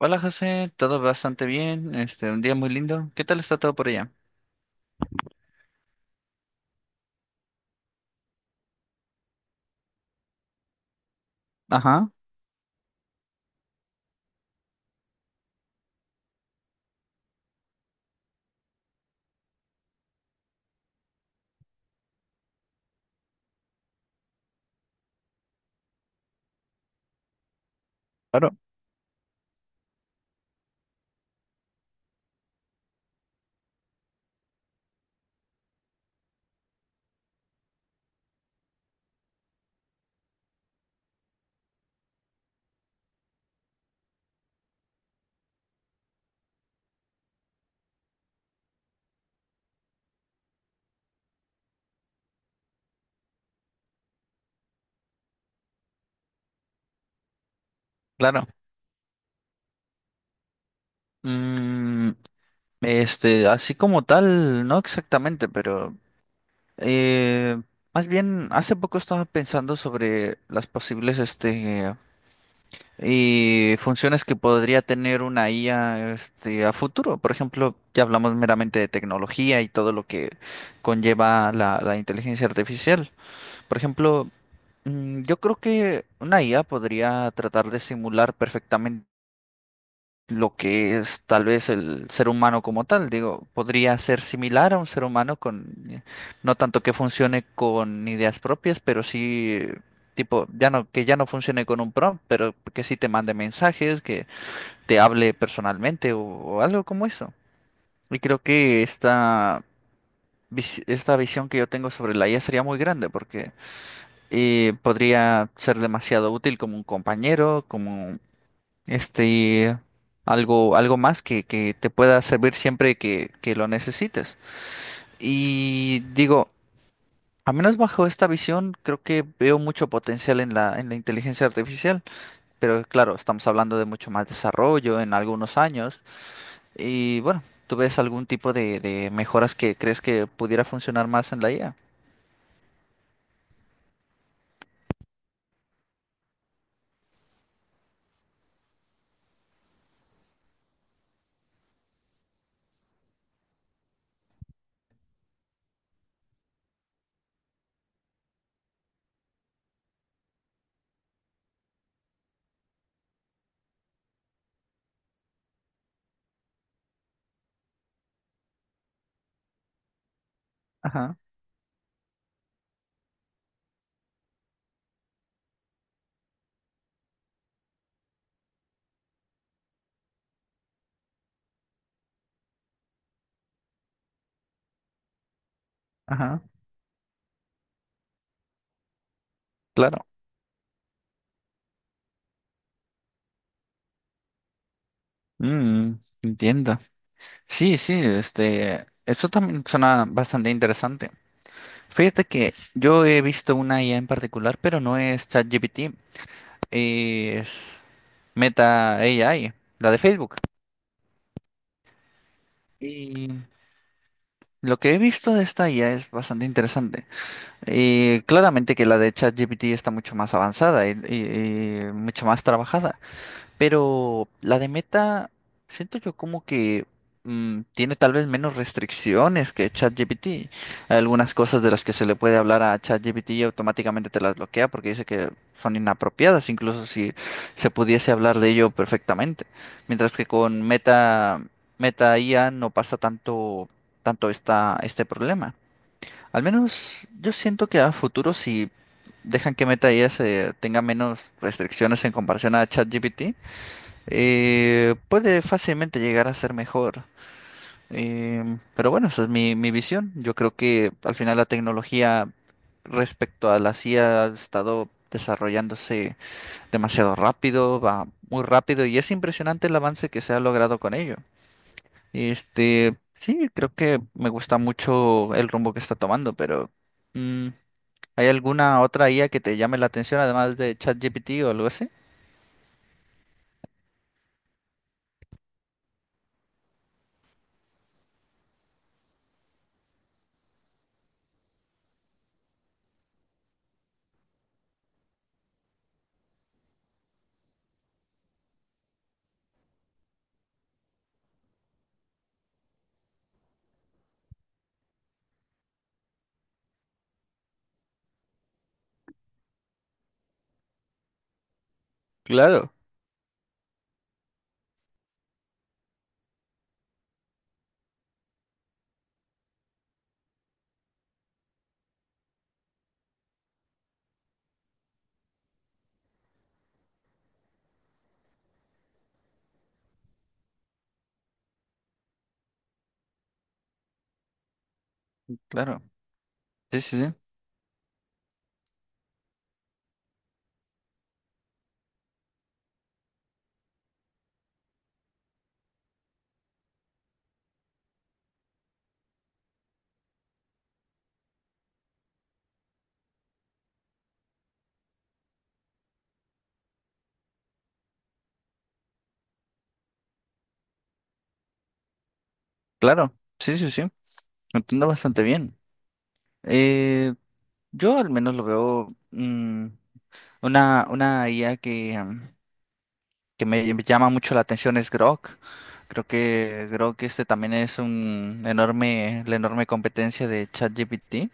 Hola José, todo bastante bien, un día muy lindo. ¿Qué tal está todo por allá? Ajá, claro, claro. Mm, así como tal, no exactamente, pero eh, más bien hace poco estaba pensando sobre las posibles y funciones que podría tener una IA a futuro. Por ejemplo, ya hablamos meramente de tecnología y todo lo que conlleva la inteligencia artificial. Por ejemplo, yo creo que una IA podría tratar de simular perfectamente lo que es tal vez el ser humano como tal. Digo, podría ser similar a un ser humano con, no tanto que funcione con ideas propias, pero sí, tipo, ya no, que ya no funcione con un prompt, pero que sí te mande mensajes, que te hable personalmente o, algo como eso. Y creo que esta visión que yo tengo sobre la IA sería muy grande porque. Y podría ser demasiado útil como un compañero, como este algo más que te pueda servir siempre que lo necesites. Y digo, a menos bajo esta visión, creo que veo mucho potencial en la inteligencia artificial, pero claro, estamos hablando de mucho más desarrollo en algunos años y bueno, ¿tú ves algún tipo de mejoras que crees que pudiera funcionar más en la IA? Ajá, ajá, claro. Mm, Entiendo. Sí, sí, eso también suena bastante interesante. Fíjate que yo he visto una IA en particular, pero no es ChatGPT, es Meta AI, la de Facebook. Y lo que he visto de esta IA es bastante interesante. Y claramente que la de ChatGPT está mucho más avanzada y mucho más trabajada. Pero la de Meta, siento yo como que tiene tal vez menos restricciones que ChatGPT. Hay algunas cosas de las que se le puede hablar a ChatGPT y automáticamente te las bloquea porque dice que son inapropiadas, incluso si se pudiese hablar de ello perfectamente. Mientras que con Meta IA no pasa tanto este problema. Al menos yo siento que a futuro si dejan que Meta IA se tenga menos restricciones en comparación a ChatGPT puede fácilmente llegar a ser mejor. Pero bueno, esa es mi visión. Yo creo que al final la tecnología respecto a la IA ha estado desarrollándose demasiado rápido, va muy rápido y es impresionante el avance que se ha logrado con ello. Sí, creo que me gusta mucho el rumbo que está tomando, pero mm, ¿hay alguna otra IA que te llame la atención además de ChatGPT o algo así? Claro, claro. Sí, sí, sí. Claro. Sí, sí, sí. Lo entiendo bastante bien. Eh, yo al menos lo veo una IA que me llama mucho la atención es Grok. Creo que Grok también es la enorme competencia de ChatGPT.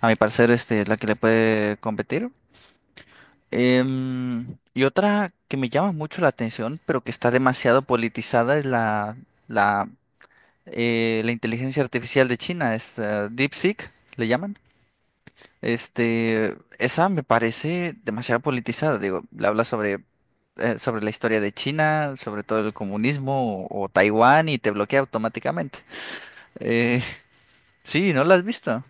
A mi parecer, este es la que le puede competir. Y otra que me llama mucho la atención, pero que está demasiado politizada, es la, la inteligencia artificial de China, es DeepSeek, le llaman. Esa me parece demasiado politizada. Digo, le habla sobre la historia de China, sobre todo el comunismo o Taiwán y te bloquea automáticamente. Eh, sí, ¿no la has visto?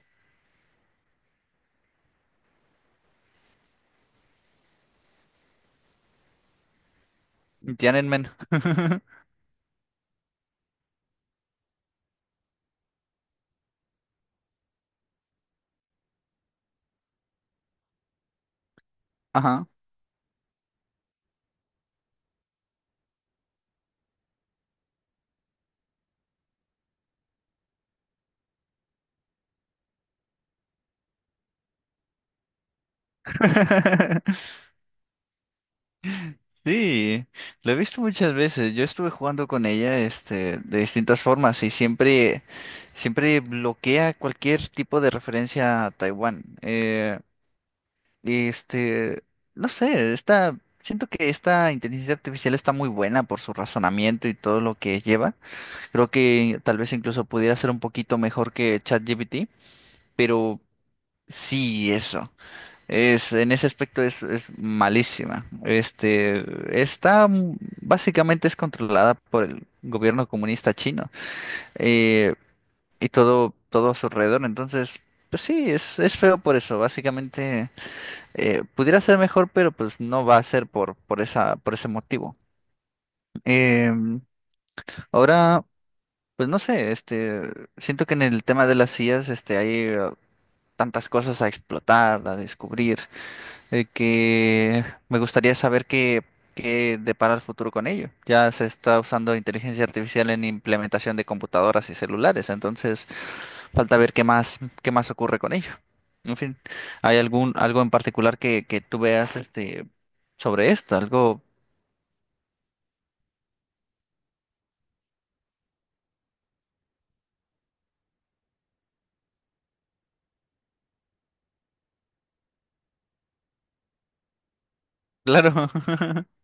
Tiananmen. Ajá. Sí, lo he visto muchas veces. Yo estuve jugando con ella, de distintas formas y siempre, siempre bloquea cualquier tipo de referencia a Taiwán. Este, no sé, siento que esta inteligencia artificial está muy buena por su razonamiento y todo lo que lleva. Creo que tal vez incluso pudiera ser un poquito mejor que ChatGPT, pero sí, eso. En ese aspecto es malísima. Está, mm, Básicamente es controlada por el gobierno comunista chino, eh, y todo a su alrededor. Entonces, pues sí, es feo por eso. Básicamente. Pudiera ser mejor, pero pues no va a ser por ese motivo. Em, ahora, pues no sé, siento que en el tema de las sillas, hay tantas cosas a explotar, a descubrir, que me gustaría saber qué depara el futuro con ello. Ya se está usando inteligencia artificial en implementación de computadoras y celulares, entonces falta ver qué más ocurre con ello. En fin, ¿hay algo en particular que tú veas sobre esto? Algo. Claro,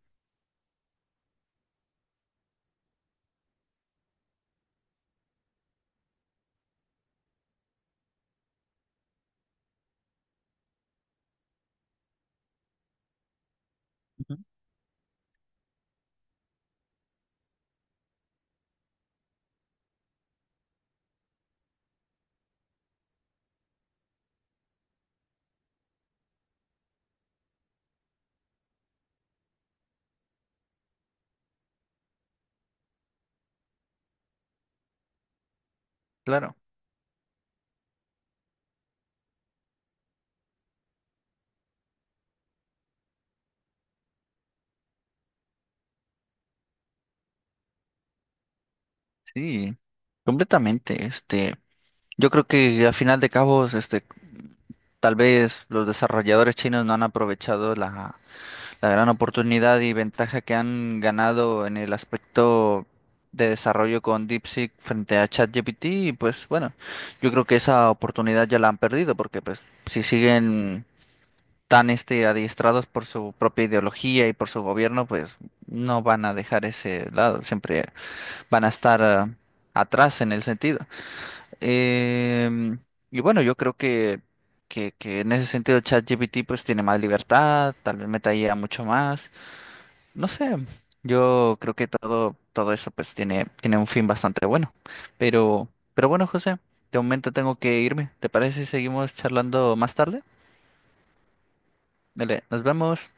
claro, sí, completamente. Yo creo que a final de cabos, tal vez los desarrolladores chinos no han aprovechado la gran oportunidad y ventaja que han ganado en el aspecto de desarrollo con DeepSeek frente a ChatGPT, y pues bueno, yo creo que esa oportunidad ya la han perdido porque pues si siguen tan adiestrados por su propia ideología y por su gobierno, pues no van a dejar ese lado, siempre van a estar atrás en el sentido. Em, y bueno, yo creo que en ese sentido ChatGPT pues tiene más libertad, tal vez Meta IA mucho más, no sé, yo creo que todo eso pues tiene un fin bastante bueno. Pero, pero bueno, José, de momento tengo que irme. ¿Te parece si seguimos charlando más tarde? Dale, nos vemos.